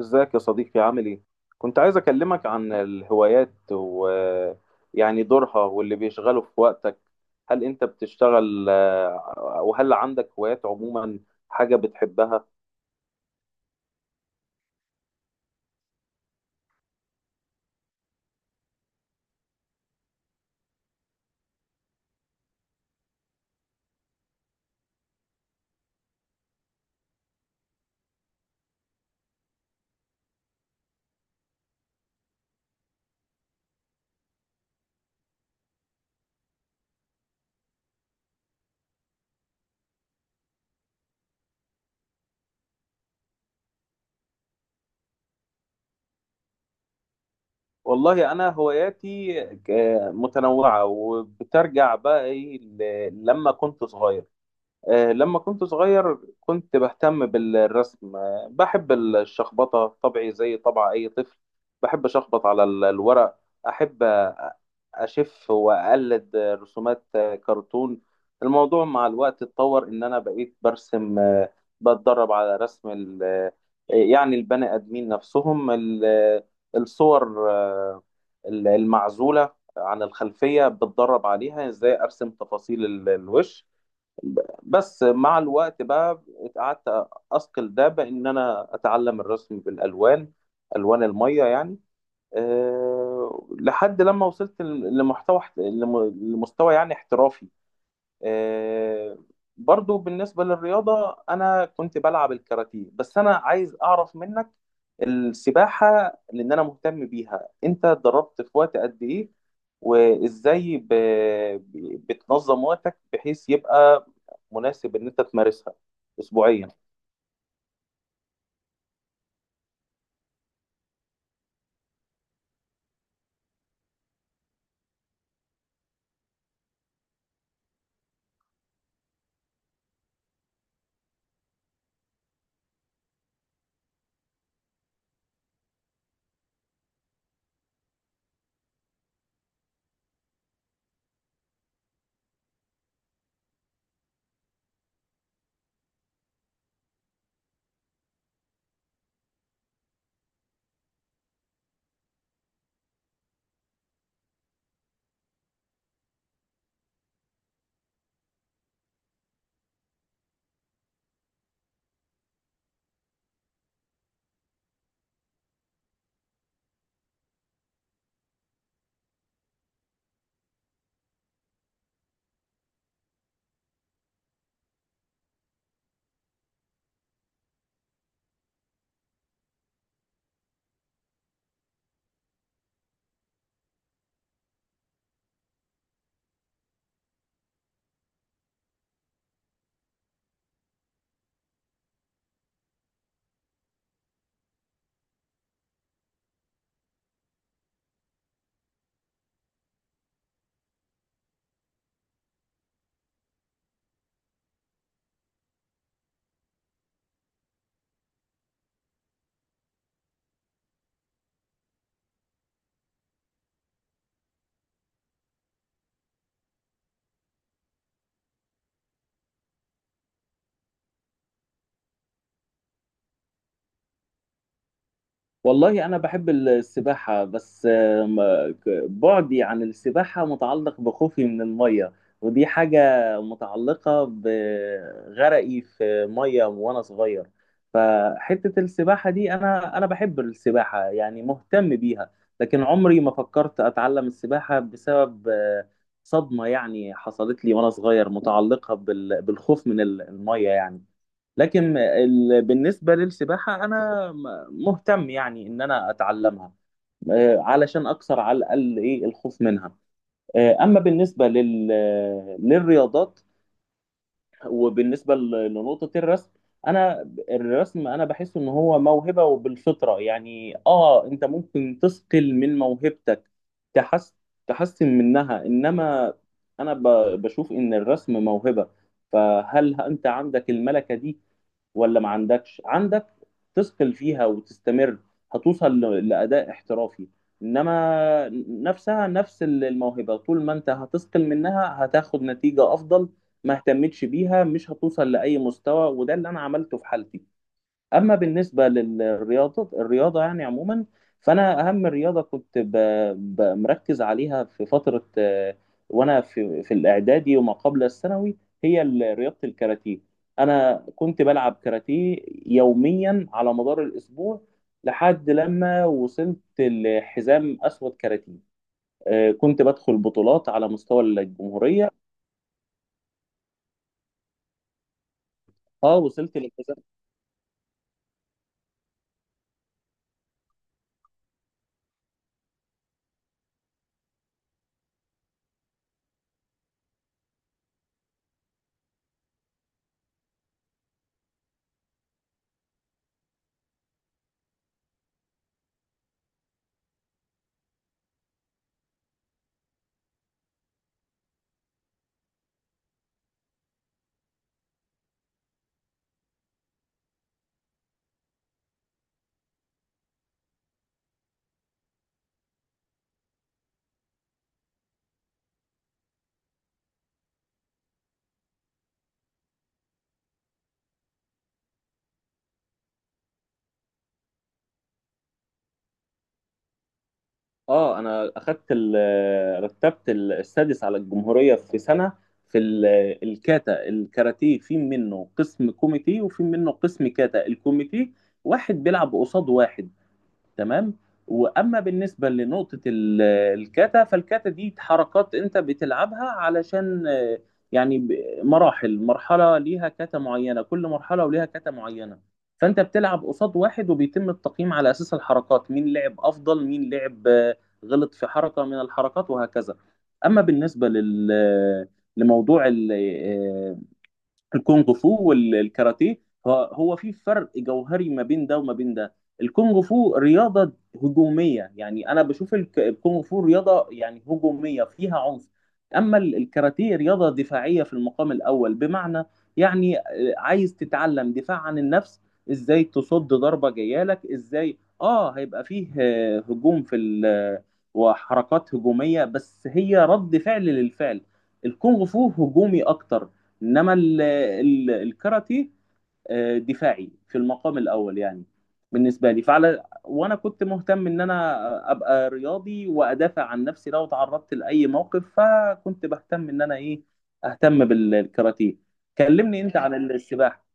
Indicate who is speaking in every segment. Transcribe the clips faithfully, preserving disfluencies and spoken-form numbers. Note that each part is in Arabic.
Speaker 1: ازيك يا صديقي؟ عامل ايه؟ كنت عايز اكلمك عن الهوايات ويعني دورها واللي بيشغله في وقتك. هل انت بتشتغل آه، وهل عندك هوايات عموما، حاجة بتحبها؟ والله انا هواياتي آه، متنوعة وبترجع بقى ايه ل- لما كنت صغير. آه، لما كنت صغير كنت بهتم بالرسم، آه، بحب الشخبطة، طبعي زي طبع أي طفل. بحب أشخبط على ال- الورق. أحب أ- أشف وأقلد آه، رسومات آه، كرتون. الموضوع مع الوقت اتطور إن أنا بقيت برسم، آه، بتدرب على رسم ال- آه، يعني البني آدمين نفسهم، ال- آه، الصور، آه، ال- المعزولة عن الخلفية. بتدرب عليها إزاي أرسم تفاصيل ال- الوش. بس مع الوقت بقى قعدت اثقل ده بان انا اتعلم الرسم بالالوان، الوان الميه يعني، أه، لحد لما وصلت لمحتوى لم- لمستوى يعني احترافي. آه، برضو بالنسبة للرياضة أنا كنت بلعب الكاراتيه، بس أنا عايز أعرف منك السباحة، لأن أنا مهتم بيها. أنت اتدربت في وقت قد إيه؟ وإزاي ب... ب- بتنظم وقتك بحيث يبقى مناسب إن أنت تمارسها أسبوعيا؟ والله أنا بحب السباحة، بس آم، ك- بعدي عن السباحة متعلق بخوفي من المية، ودي حاجة متعلقة بغرقي في مية وأنا صغير. فحتة السباحة دي أنا أنا بحب السباحة يعني مهتم بيها، لكن عمري ما فكرت أتعلم السباحة بسبب آه، صدمة يعني حصلت لي وأنا صغير، متعلقة بال- بالخوف من ال- المية يعني. لكن ال- بالنسبة للسباحة أنا م- مهتم يعني إن أنا أتعلمها، آه، علشان أكسر على الأقل إيه الخوف منها. آه، أما بالنسبة لل... للرياضات، وبالنسبة ل- لنقطة الرسم، أنا الرسم أنا بحس إن هو موهبة وبالفطرة يعني. آه، أنت ممكن تثقل من موهبتك، تحس... تحسن منها، إنما أنا ب... بشوف إن الرسم موهبة. فهل أنت عندك الملكة دي ولا ما عندكش؟ عندك تثقل فيها وتستمر، هتوصل ل- لأداء احترافي، إنما نفسها نفس الموهبة طول ما أنت هتثقل منها هتاخد نتيجة أفضل. ما اهتمتش بيها، مش هتوصل لأي مستوى، وده اللي أنا عملته في حالتي. اما بالنسبه للرياضه الرياضه يعني عموما، فانا اهم رياضه كنت ب... ب... مركز عليها في فتره، آه، وانا في في الاعدادي وما قبل الثانوي، هي ال- رياضه الكاراتيه. انا كنت بلعب كاراتيه يوميا على مدار الاسبوع، لحد لما وصلت لحزام اسود كاراتيه. آه، كنت بدخل بطولات على مستوى الجمهوريه. اه، وصلت للحزام. اه، انا اخدت ال- رتبت ال- السادس على الجمهوريه في سنه في ال- الكاتا الكاراتيه. في منه قسم كوميتي وفي منه قسم كاتا. الكوميتي واحد بيلعب قصاد واحد، تمام؟ واما بالنسبه لنقطه ال- الكاتا، فالكاتا دي حركات انت بتلعبها علشان، آه، يعني ب- مراحل، مرحله ليها كاتا معينه، كل مرحله وليها كاتا معينه. فانت بتلعب قصاد واحد وبيتم التقييم على اساس الحركات، مين لعب افضل، مين لعب آه، غلط في حركه من الحركات، وهكذا. اما بالنسبه لل، لموضوع ال- الكونغ فو والكاراتيه، هو هو في فرق جوهري ما بين ده وما بين ده. الكونغ فو رياضة هجومية، يعني أنا بشوف الك- الكونغ فو رياضة يعني هجومية فيها عنف. أما ال- الكاراتيه رياضة دفاعية في المقام الأول، بمعنى يعني، آه، عايز تتعلم دفاع عن النفس، إزاي تصد ضربة جاية لك. إزاي آه، هيبقى فيه آه، هجوم في ال- آه، وحركات هجومية، بس هي رد فعل للفعل. الكونغ فو هجومي أكتر، انما ال- ال- الكاراتيه آه، دفاعي في المقام الاول يعني. بالنسبه لي فعلى، وانا كنت مهتم ان انا ابقى رياضي وادافع عن نفسي لو تعرضت لاي موقف، فكنت بهتم ان انا ايه، اهتم بالكاراتيه. كلمني انت عن السباحه.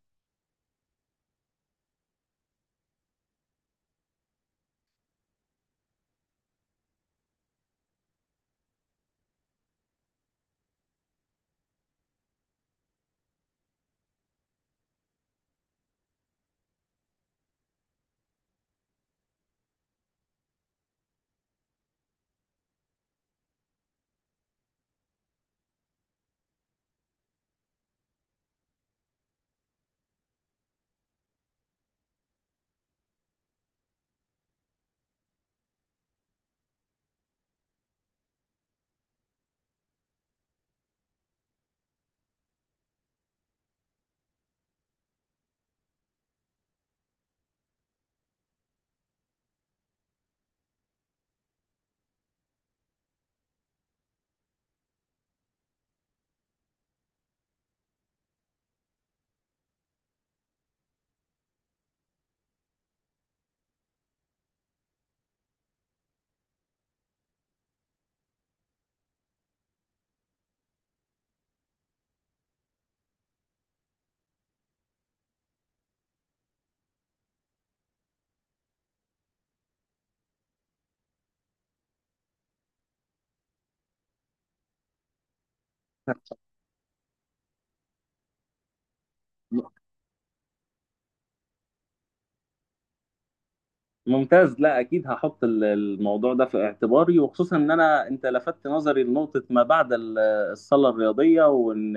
Speaker 1: ممتاز، لا اكيد هحط ال- الموضوع ده في اعتباري، وخصوصا ان انا، انت لفتت نظري لنقطة ما بعد ال- الصالة الرياضية، وان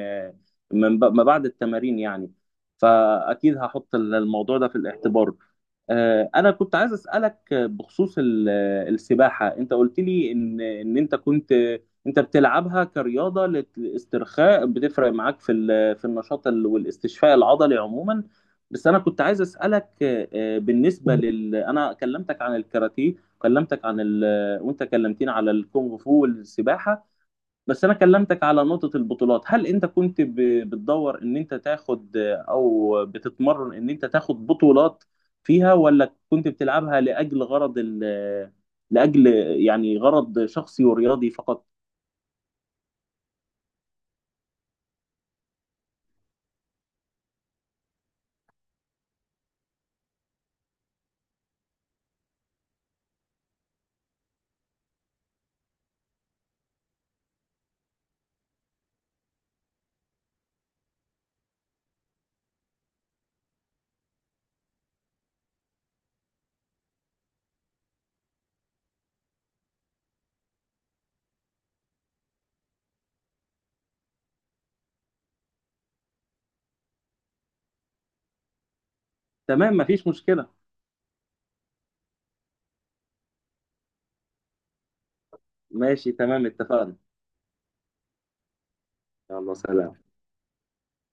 Speaker 1: من ب- ما بعد التمارين يعني. فاكيد هحط ال- الموضوع ده في الاعتبار. آه، انا كنت عايز اسالك بخصوص ال- السباحه. انت قلت لي ان ان انت كنت، انت بتلعبها كرياضه للاسترخاء، بتفرق معاك في ال، في النشاط ال- والاستشفاء العضلي عموما. بس انا كنت عايز اسالك، آه، بالنسبه لل، انا كلمتك عن الكاراتيه، كلمتك عن ال، وانت كلمتني على الكونغ فو والسباحه، بس انا كلمتك على نقطة البطولات. هل انت كنت ب- بتدور ان انت تاخد، او بتتمرن ان انت تاخد بطولات فيها، ولا كنت بتلعبها لاجل غرض ال- لاجل يعني غرض شخصي ورياضي فقط؟ تمام، مفيش مشكلة. ماشي، تمام، اتفقنا. يلا سلام.